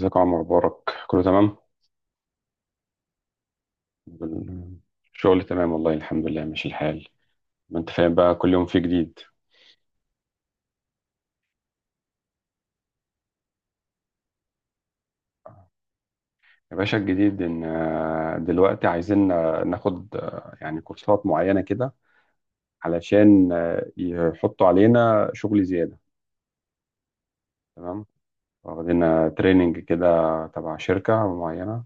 ازيك يا عمر مبارك؟ كله تمام. مم. الشغل تمام والله، الحمد لله ماشي الحال. ما انت فاهم بقى، كل يوم في جديد. يا باشا، الجديد ان دلوقتي عايزين ناخد يعني كورسات معينة كده، علشان يحطوا علينا شغل زيادة. تمام، واخدين تريننج كده تبع شركة معينة،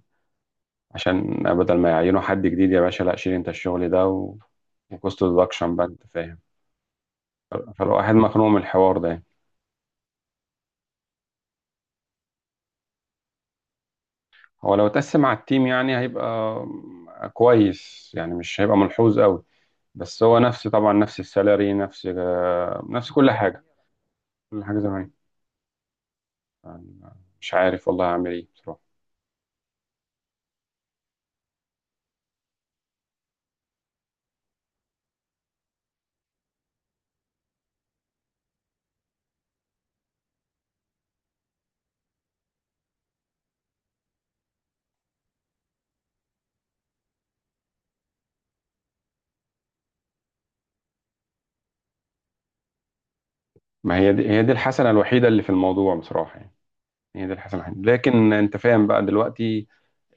عشان بدل ما يعينوا حد جديد، يا باشا لا شيل انت الشغل ده و... وكوست برودكشن بقى، انت فاهم. فالواحد مخنوق من الحوار ده. هو لو اتقسم على التيم يعني هيبقى كويس، يعني مش هيبقى ملحوظ قوي. بس هو نفس، طبعا نفس السالري، نفس كل حاجة، كل حاجة زمان. يعني مش عارف والله هعمل ايه بصراحة. ما هي دي الحسنة الوحيدة اللي في الموضوع بصراحة يعني، هي دي الحسنة الوحيدة، لكن انت فاهم بقى دلوقتي.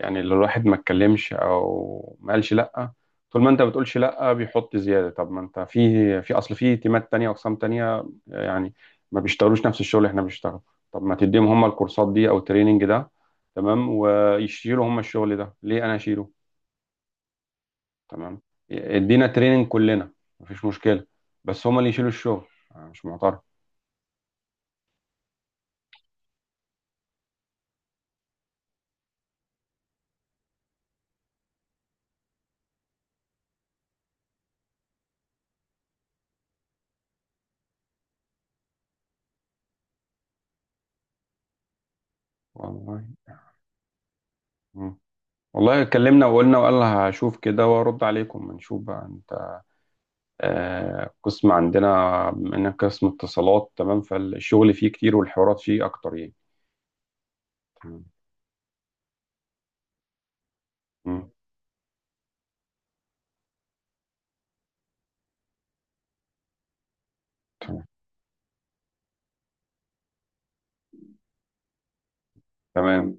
يعني اللي الواحد ما اتكلمش او ما قالش لا، طول ما انت بتقولش لا بيحط زياده. طب ما انت في اصل في تيمات تانية، اقسام تانية يعني ما بيشتغلوش نفس الشغل اللي احنا بنشتغله. طب ما تديهم هم الكورسات دي او التريننج ده، تمام، ويشيلوا هم الشغل ده، ليه انا اشيله؟ تمام، ادينا تريننج كلنا، مفيش مشكله، بس هم اللي يشيلوا الشغل. أنا مش معترض. والله يعني. مم. والله اتكلمنا وقلنا، وقال هشوف كده وارد عليكم، نشوف بقى انت. قسم عندنا بما انك قسم اتصالات، تمام، فالشغل فيه كتير والحوارات فيه اكتر يعني. تمام، مم، تمام. تمام.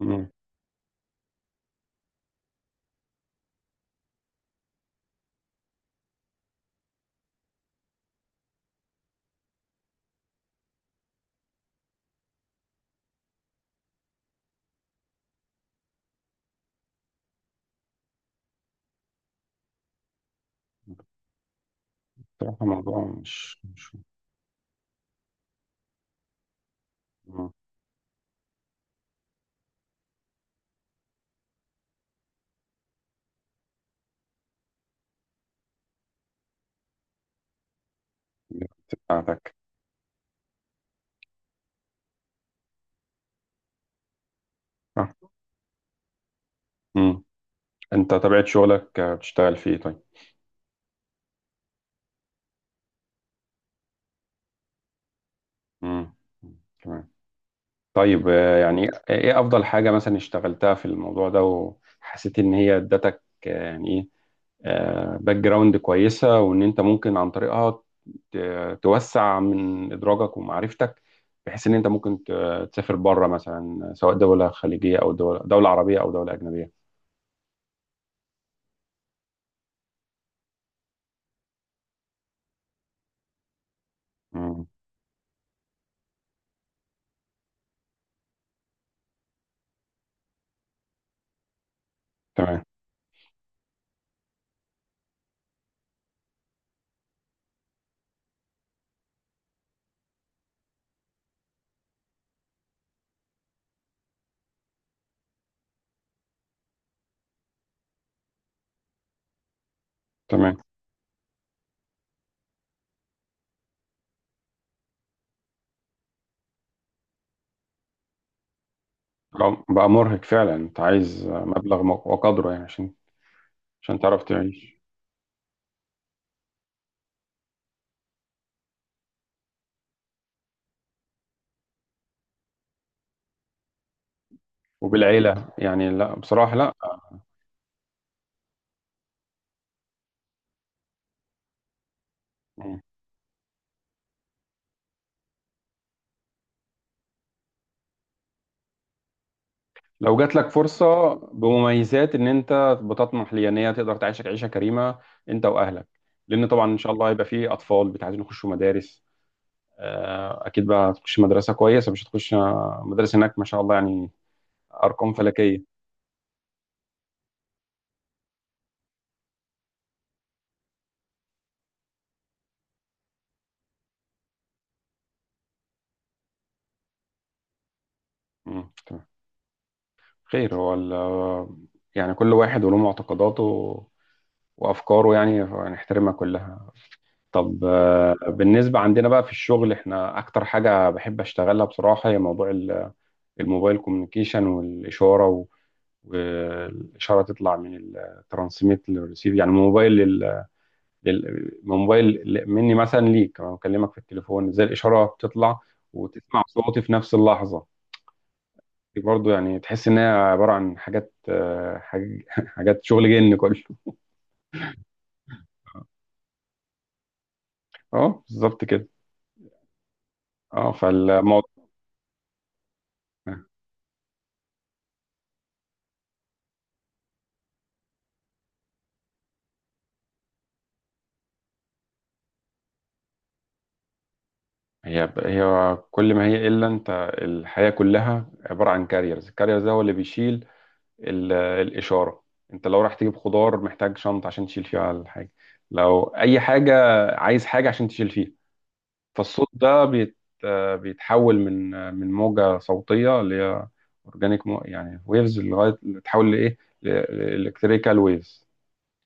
مم، بصراحة موضوع مش مم، بتاعتك. آه، مم. انت طبيعة شغلك، بتشتغل فيه طيب؟ مم، مم، تمام. طيب يعني ايه افضل حاجة مثلا اشتغلتها في الموضوع ده، وحسيت ان هي ادتك يعني ايه، باك جراوند كويسه، وان انت ممكن عن طريقها توسع من ادراجك ومعرفتك، بحيث ان انت ممكن تسافر بره مثلا، سواء دوله خليجيه او دوله عربيه او دوله اجنبيه. مم. تمام. تمام، بقى مرهق فعلا، انت عايز مبلغ وقدره يعني، عشان عشان تعرف تعيش، وبالعيله يعني. لا بصراحه، لا. لو جات لك فرصة بمميزات إن أنت بتطمح ليها إن هي تقدر تعيشك عيشة كريمة أنت وأهلك، لأن طبعًا إن شاء الله هيبقى فيه أطفال عايزين يخشوا مدارس، أكيد بقى هتخش مدرسة كويسة، مش هتخش مدارس هناك ما شاء الله يعني، أرقام فلكية. مم، تمام. خير. هو يعني كل واحد وله معتقداته وأفكاره، يعني نحترمها كلها. طب بالنسبة عندنا بقى في الشغل، إحنا أكتر حاجة بحب أشتغلها بصراحة هي موضوع الموبايل كوميونيكيشن والاشاره و... والاشاره تطلع من الترانسميت للريسيف، يعني من موبايل من موبايل مني مثلا ليك، انا بكلمك في التليفون، ازاي الاشاره بتطلع وتسمع صوتي في نفس اللحظه. دي برضه يعني تحس ان هي عباره عن حاجات، حاجات شغل جن كله. اه، بالظبط كده. اه، فالموضوع هي كل ما هي الا انت. الحياه كلها عباره عن كاريرز، الكاريرز ده هو اللي بيشيل الإشارة. أنت لو رايح تجيب خضار محتاج شنطة عشان تشيل فيها الحاجة، لو أي حاجة، عايز حاجة عشان تشيل فيها. فالصوت ده بيت... بيتحول من من موجة صوتية اللي هي أورجانيك، يعني ويفز، لغاية تحول لإيه، الكتريكال ويفز،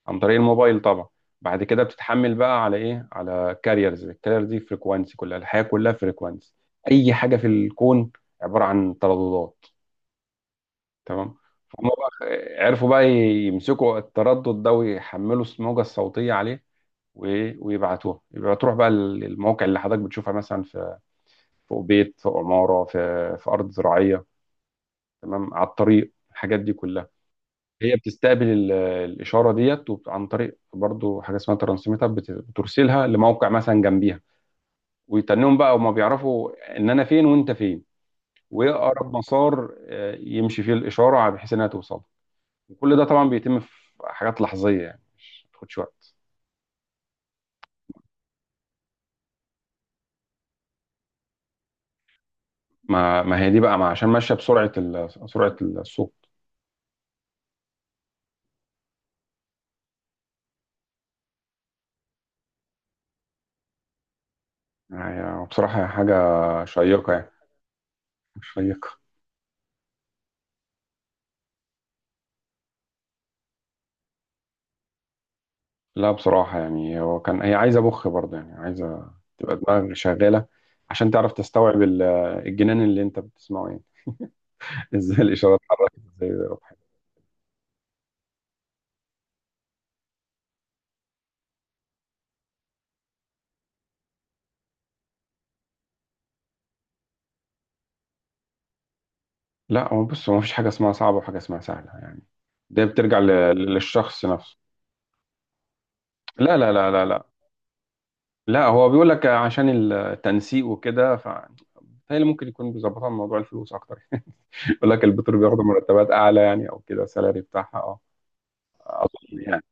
عن طريق الموبايل طبعا. بعد كده بتتحمل بقى على إيه، على كاريرز. الكاريرز دي فريكوانسي، كلها الحياة كلها فريكوانسي. أي حاجة في الكون عبارة عن ترددات، تمام. فهم بقى، عرفوا بقى يمسكوا التردد ده ويحملوا الموجة الصوتية عليه، ويبعتوها يبقى تروح بقى المواقع اللي حضرتك بتشوفها مثلا، في فوق بيت، فوق عمارة، في أرض زراعية، تمام، على الطريق، الحاجات دي كلها هي بتستقبل الإشارة ديت، عن طريق برضو حاجة اسمها ترانسميتر، بترسلها لموقع مثلا جنبيها، ويتنهم بقى، وما بيعرفوا إن أنا فين وأنت فين، وإيه أقرب مسار يمشي فيه الإشارة بحيث إنها توصل. وكل ده طبعا بيتم في حاجات لحظيه، يعني مش ما بتاخدش وقت. ما هي دي بقى، ما عشان ماشيه بسرعه سرعه السوق. يعني بصراحه هي حاجه شيقه يعني، مش شيقه. لا بصراحه يعني، هو كان هي عايزه مخ برضه، يعني عايزه تبقى دماغك شغاله عشان تعرف تستوعب الجنان اللي انت بتسمعه يعني. ازاي الاشارات اتحركت، ازاي اتحركت. لا هو بص، هو مفيش حاجه اسمها صعبه وحاجه اسمها سهله يعني، ده بترجع للشخص نفسه. لا، لا، لا، لا، لا. لا، هو بيقول لك عشان التنسيق وكده، هي اللي ممكن يكون بيظبطها من موضوع الفلوس اكتر. يقول لك البترول بياخدوا مرتبات اعلى يعني، او كده السالري بتاعها اه يعني.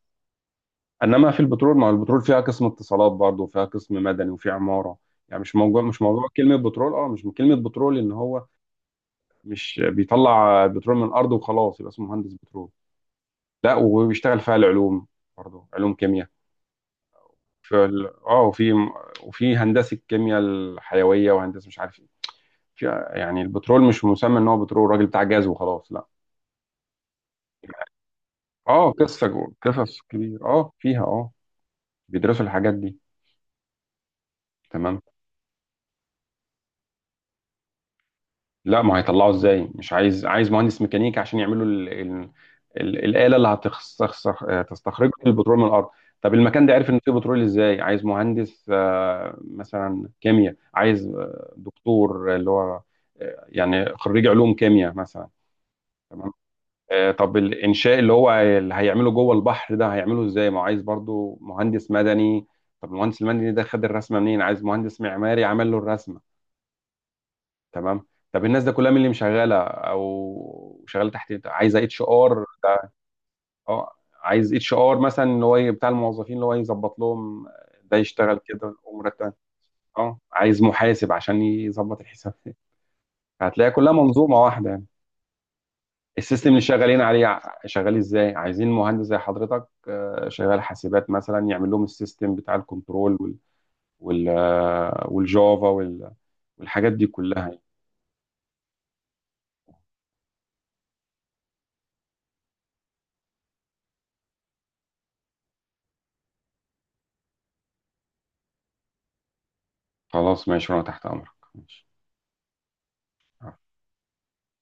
انما في البترول، ما هو البترول فيها قسم اتصالات برضه وفيها قسم مدني وفي عماره، يعني مش موضوع كلمه بترول. اه مش من كلمه بترول ان هو مش بيطلع بترول من الارض وخلاص يبقى اسمه مهندس بترول. لا، وبيشتغل فيها العلوم، برضه علوم كيمياء، في ال- اه وفي، وفي هندسه كيمياء الحيويه وهندسه مش عارف ايه في- يعني البترول مش مسمى ان هو بترول راجل بتاع جاز وخلاص لا. اه، قصص كبير اه فيها اه بيدرسوا الحاجات دي. تمام. لا ما هيطلعوا ازاي، مش عايز مهندس ميكانيكا عشان يعملوا الاله اللي تستخرج البترول من الارض. طب المكان ده عرف ان فيه بترول ازاي، عايز مهندس مثلا كيمياء، عايز دكتور اللي هو يعني خريج علوم كيمياء مثلا. تمام. طب الانشاء اللي هو اللي هيعمله جوه البحر ده هيعمله ازاي، ما هو عايز برضو مهندس مدني. طب المهندس المدني ده خد الرسمه منين، عايز مهندس معماري عمل له الرسمه. تمام. طب الناس ده كلها مين اللي مشغله او شغاله تحت إيه؟ عايز HR. اه، عايز HR مثلا، اللي هو بتاع الموظفين، اللي هو يظبط لهم، ده يشتغل كده ومرتب، اه عايز محاسب عشان يظبط الحساب. هتلاقي كلها منظومه واحده يعني. السيستم اللي شغالين عليه شغال ازاي، عايزين مهندس زي حضرتك، شغال حاسبات مثلا، يعمل لهم السيستم بتاع الكنترول، والجافا والحاجات دي كلها يعني. خلاص ماشي، وانا تحت امرك. ماشي.